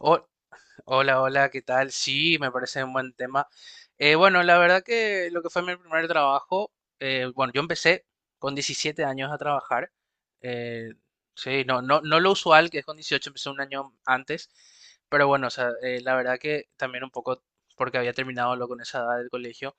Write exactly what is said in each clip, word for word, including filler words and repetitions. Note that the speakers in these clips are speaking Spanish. Ho- hola, hola, ¿qué tal? Sí, me parece un buen tema. Eh, bueno, la verdad que lo que fue mi primer trabajo, eh, bueno, yo empecé con diecisiete años a trabajar. eh, sí, no, no, no lo usual, que es con dieciocho, empecé un año antes. Pero bueno, o sea, eh, la verdad que también un poco porque había terminado lo con esa edad del colegio.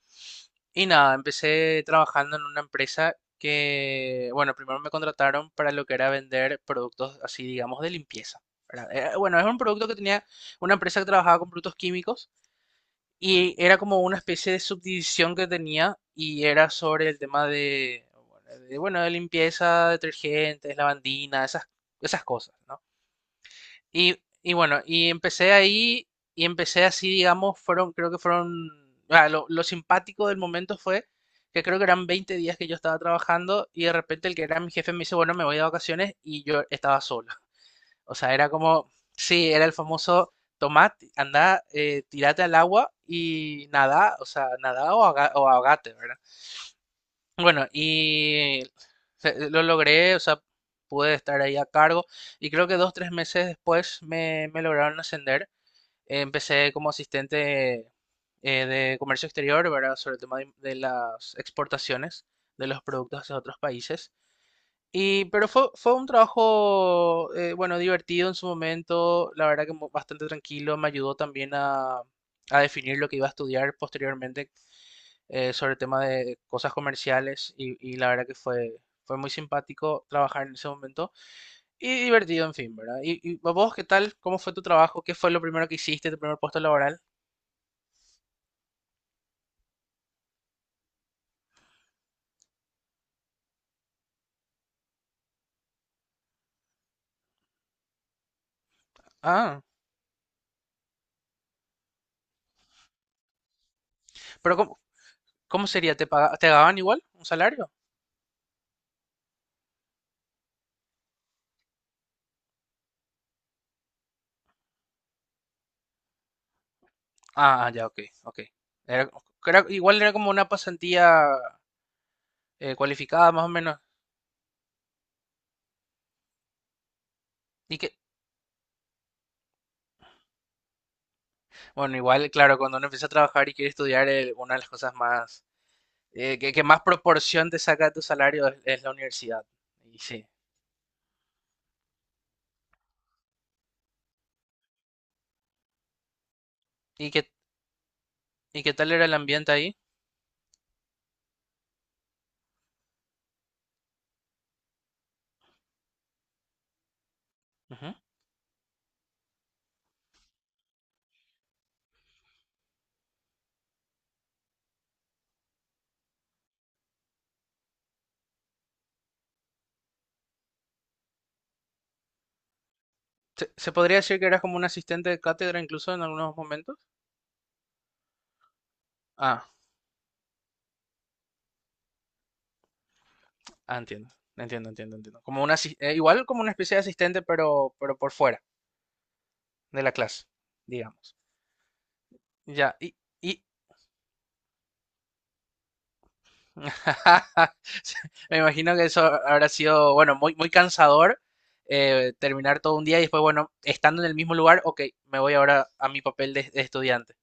Y nada, empecé trabajando en una empresa que, bueno, primero me contrataron para lo que era vender productos así, digamos, de limpieza, ¿verdad? Eh, bueno, es un producto que tenía una empresa que trabajaba con productos químicos y era como una especie de subdivisión que tenía y era sobre el tema de, bueno, de, bueno, de limpieza, detergentes, lavandina, esas, esas cosas, ¿no? Y, y bueno, y empecé ahí y empecé así, digamos, fueron, creo que fueron, ah, lo, lo simpático del momento fue que creo que eran veinte días que yo estaba trabajando y de repente el que era mi jefe me dice, bueno, me voy de vacaciones y yo estaba solo. O sea, era como, sí, era el famoso, tomá, ti- andá, eh, tirate al agua y nada, o sea, nada o, aga- o ahogate, ¿verdad? Bueno, y se- lo logré, o sea, pude estar ahí a cargo y creo que dos, tres meses después me, me lograron ascender. Eh, Empecé como asistente eh, de comercio exterior, ¿verdad? Sobre el tema de, de las exportaciones de los productos hacia otros países. Y, pero fue, fue un trabajo, eh, bueno, divertido en su momento, la verdad que mu- bastante tranquilo, me ayudó también a, a definir lo que iba a estudiar posteriormente eh, sobre el tema de cosas comerciales y, y la verdad que fue, fue muy simpático trabajar en ese momento y divertido, en fin, ¿verdad? Y, y vos, ¿qué tal? ¿Cómo fue tu trabajo? ¿Qué fue lo primero que hiciste, tu primer puesto laboral? Ah, pero ¿cómo, cómo sería? ¿Te paga- ¿te pagaban igual un salario? Ah, ah, ya, ok, ok. Era, era- Igual era como una pasantía eh, cualificada, más o menos. Y que, bueno, igual, claro, cuando uno empieza a trabajar y quiere estudiar, eh, una de las cosas más, eh, que, que más proporción te saca de tu salario es, es la universidad. Y sí. ¿Y qué, y qué tal era el ambiente ahí? Ujú. ¿Se, se podría decir que eras como un asistente de cátedra incluso en algunos momentos? Ah, ah, entiendo, entiendo, entiendo, entiendo. Como una, igual como una especie de asistente, pero, pero por fuera de la clase, digamos. Ya, y, y Sí, me imagino que eso habrá sido, bueno, muy, muy cansador eh, terminar todo un día y después, bueno, estando en el mismo lugar, ok, me voy ahora a mi papel de de estudiante.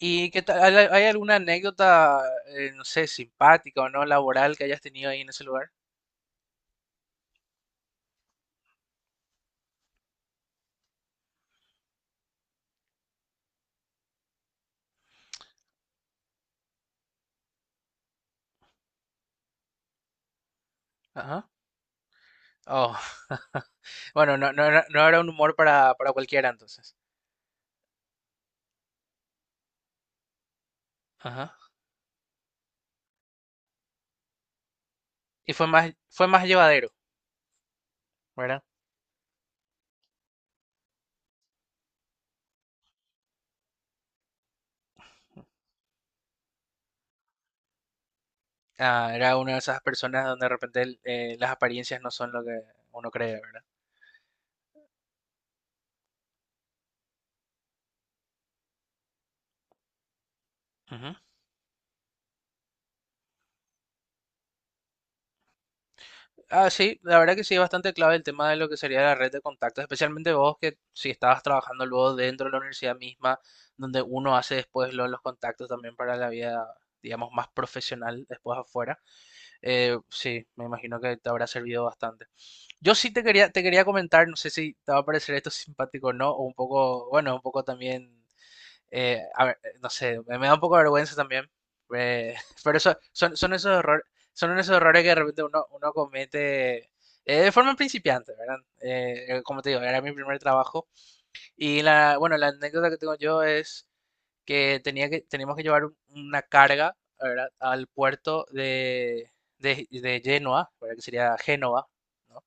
¿Y qué tal? ¿Hay hay alguna anécdota, eh, no sé, simpática o no laboral que hayas tenido ahí en ese lugar? Ajá. Oh. Bueno, no, no era, no era un humor para, para cualquiera entonces. Ajá. Y fue más, fue más llevadero, ¿verdad? Ah, era una de esas personas donde de repente eh, las apariencias no son lo que uno cree, ¿verdad? Ah, sí, la verdad que sí es bastante clave el tema de lo que sería la red de contactos, especialmente vos que si estabas trabajando luego dentro de la universidad misma, donde uno hace después lo- los contactos también para la vida, digamos, más profesional después afuera. Eh, sí, me imagino que te habrá servido bastante. Yo sí te quería, te quería comentar, no sé si te va a parecer esto simpático o no, o un poco, bueno, un poco también eh, a ver, eh, no sé, me, me da un poco de vergüenza también. eh, pero eso, son, son esos errores, son esos errores que de repente uno, uno comete eh, de forma principiante, ¿verdad? Eh, eh, como te digo, era mi primer trabajo. Y la, bueno, la anécdota que tengo yo es que tenía que, teníamos que llevar un- una carga, ¿verdad? Al puerto de, de, de Génova, ¿verdad? Que sería Génova, ¿no?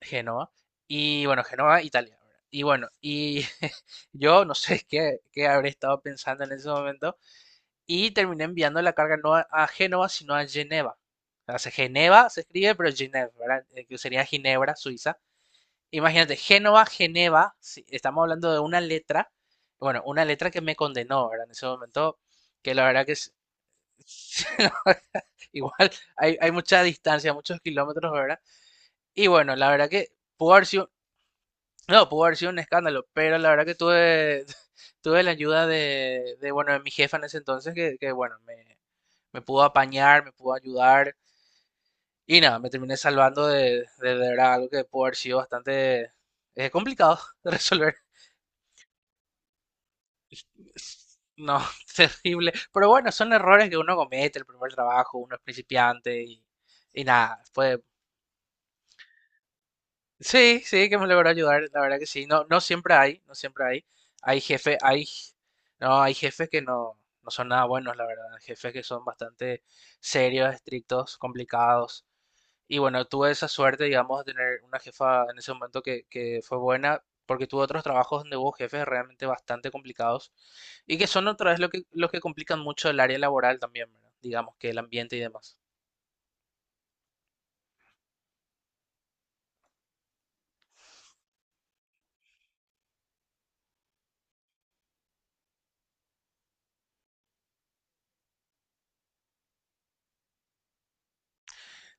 Génova. Y bueno, Génova, Italia. Y bueno, y yo no sé qué, qué habré estado pensando en ese momento. Y terminé enviando la carga no a, a Génova, sino a Geneva. O sea, Geneva se escribe, pero Geneva, ¿verdad? Eh, Que sería Ginebra, Suiza. Imagínate, Génova, Geneva, sí, estamos hablando de una letra, bueno, una letra que me condenó, ¿verdad? En ese momento, que la verdad que es- la verdad, igual hay, hay mucha distancia, muchos kilómetros, ¿verdad? Y bueno, la verdad que pudo haber sido no, pudo haber sido un escándalo, pero la verdad que tuve, tuve la ayuda de, de, bueno, de mi jefa en ese entonces, que, que, bueno, me, me pudo apañar, me pudo ayudar, y nada, me terminé salvando de, de, de verdad algo que pudo haber sido bastante eh, complicado de resolver. No, terrible. Pero bueno, son errores que uno comete el primer trabajo, uno es principiante y, y nada, puede, Sí, sí, que me logró ayudar, la verdad que sí. No, no siempre hay, no siempre hay. Hay jefes, hay, no, hay jefes que no, no son nada buenos, la verdad. Jefes que son bastante serios, estrictos, complicados. Y bueno, tuve esa suerte, digamos, de tener una jefa en ese momento que, que fue buena, porque tuve otros trabajos donde hubo jefes realmente bastante complicados y que son otra vez lo que, los que complican mucho el área laboral también, ¿verdad? Digamos que el ambiente y demás.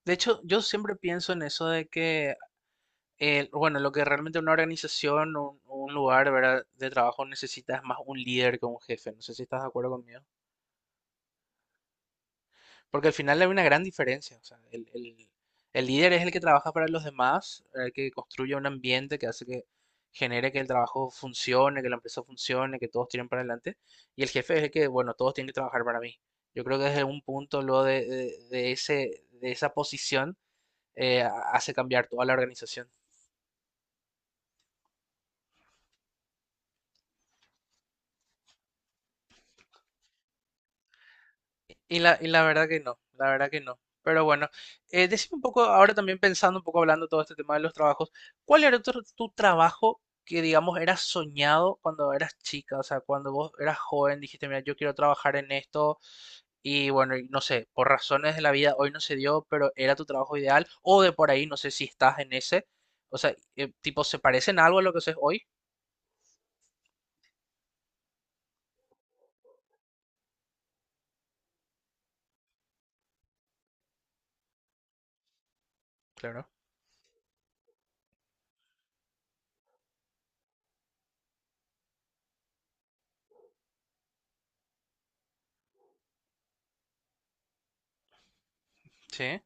De hecho, yo siempre pienso en eso de que eh, bueno, lo que realmente una organización o un, o un lugar, ¿verdad? De trabajo necesita es más un líder que un jefe. No sé si estás de acuerdo conmigo. Porque al final hay una gran diferencia. O sea, el, el- el líder es el que trabaja para los demás, el que construye un ambiente que hace que genere que el trabajo funcione, que la empresa funcione, que todos tiren para adelante. Y el jefe es el que, bueno, todos tienen que trabajar para mí. Yo creo que desde un punto lo de, de- de ese, de esa posición eh, hace cambiar toda la organización. Y la, y la verdad que no, la verdad que no. Pero bueno, eh, decime un poco, ahora también pensando un poco, hablando todo este tema de los trabajos, ¿cuál era tu, tu trabajo que, digamos, era soñado cuando eras chica? O sea, cuando vos eras joven, dijiste, mira, yo quiero trabajar en esto y bueno, y no sé, por razones de la vida hoy no se dio, pero era tu trabajo ideal o de por ahí, no sé si estás en ese. O sea, eh, tipo, ¿se parecen algo a lo que haces hoy? Claro. Sí,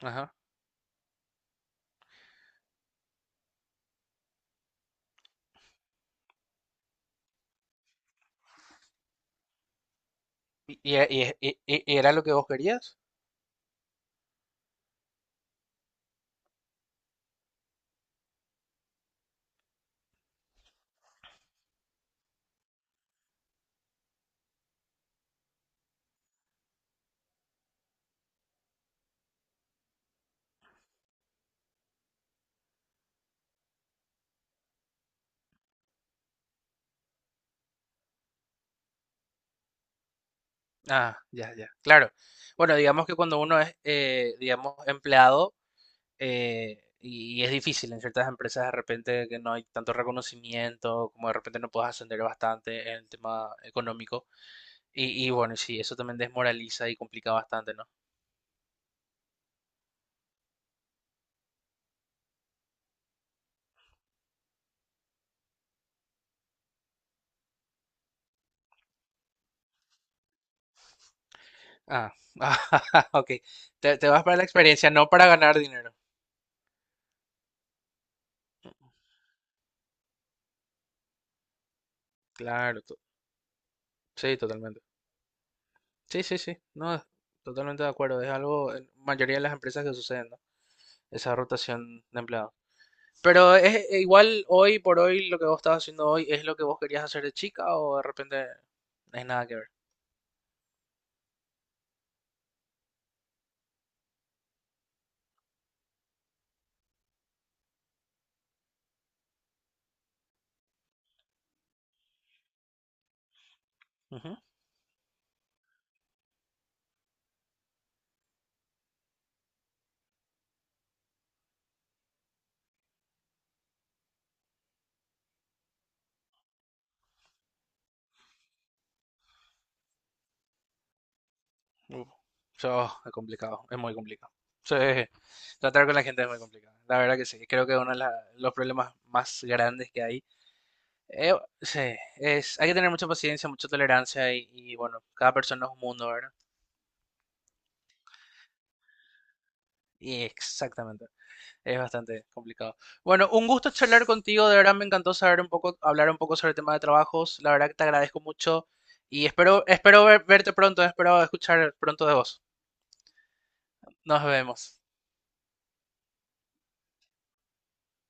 ajá. ¿Y, y- y- y- y- era lo que vos querías? Ah, ya, ya, claro. Bueno, digamos que cuando uno es, eh, digamos, empleado, eh, y, y es difícil en ciertas empresas de repente que no hay tanto reconocimiento, como de repente no puedes ascender bastante en el tema económico. Y, y bueno, sí, eso también desmoraliza y complica bastante, ¿no? Ah, ah, ok. Te, te vas para la experiencia, no para ganar dinero. Claro, to- sí, totalmente. Sí, sí, sí, no, totalmente de acuerdo. Es algo en mayoría de las empresas que suceden, ¿no? Esa rotación de empleados. Pero es eh, igual hoy por hoy lo que vos estás haciendo hoy es lo que vos querías hacer de chica o de repente no es nada que ver. Ujú. Uh, Eso es complicado, es muy complicado. Sí, tratar con la gente es muy complicado. La verdad que sí, creo que uno de la- los problemas más grandes que hay. eh, sí, es, hay que tener mucha paciencia, mucha tolerancia y, y bueno, cada persona es un mundo, ¿verdad? Y exactamente. Es bastante complicado. Bueno, un gusto charlar contigo. De verdad me encantó saber un poco, hablar un poco sobre el tema de trabajos. La verdad que te agradezco mucho y espero, espero ver- verte pronto, espero escuchar pronto de vos. Nos vemos.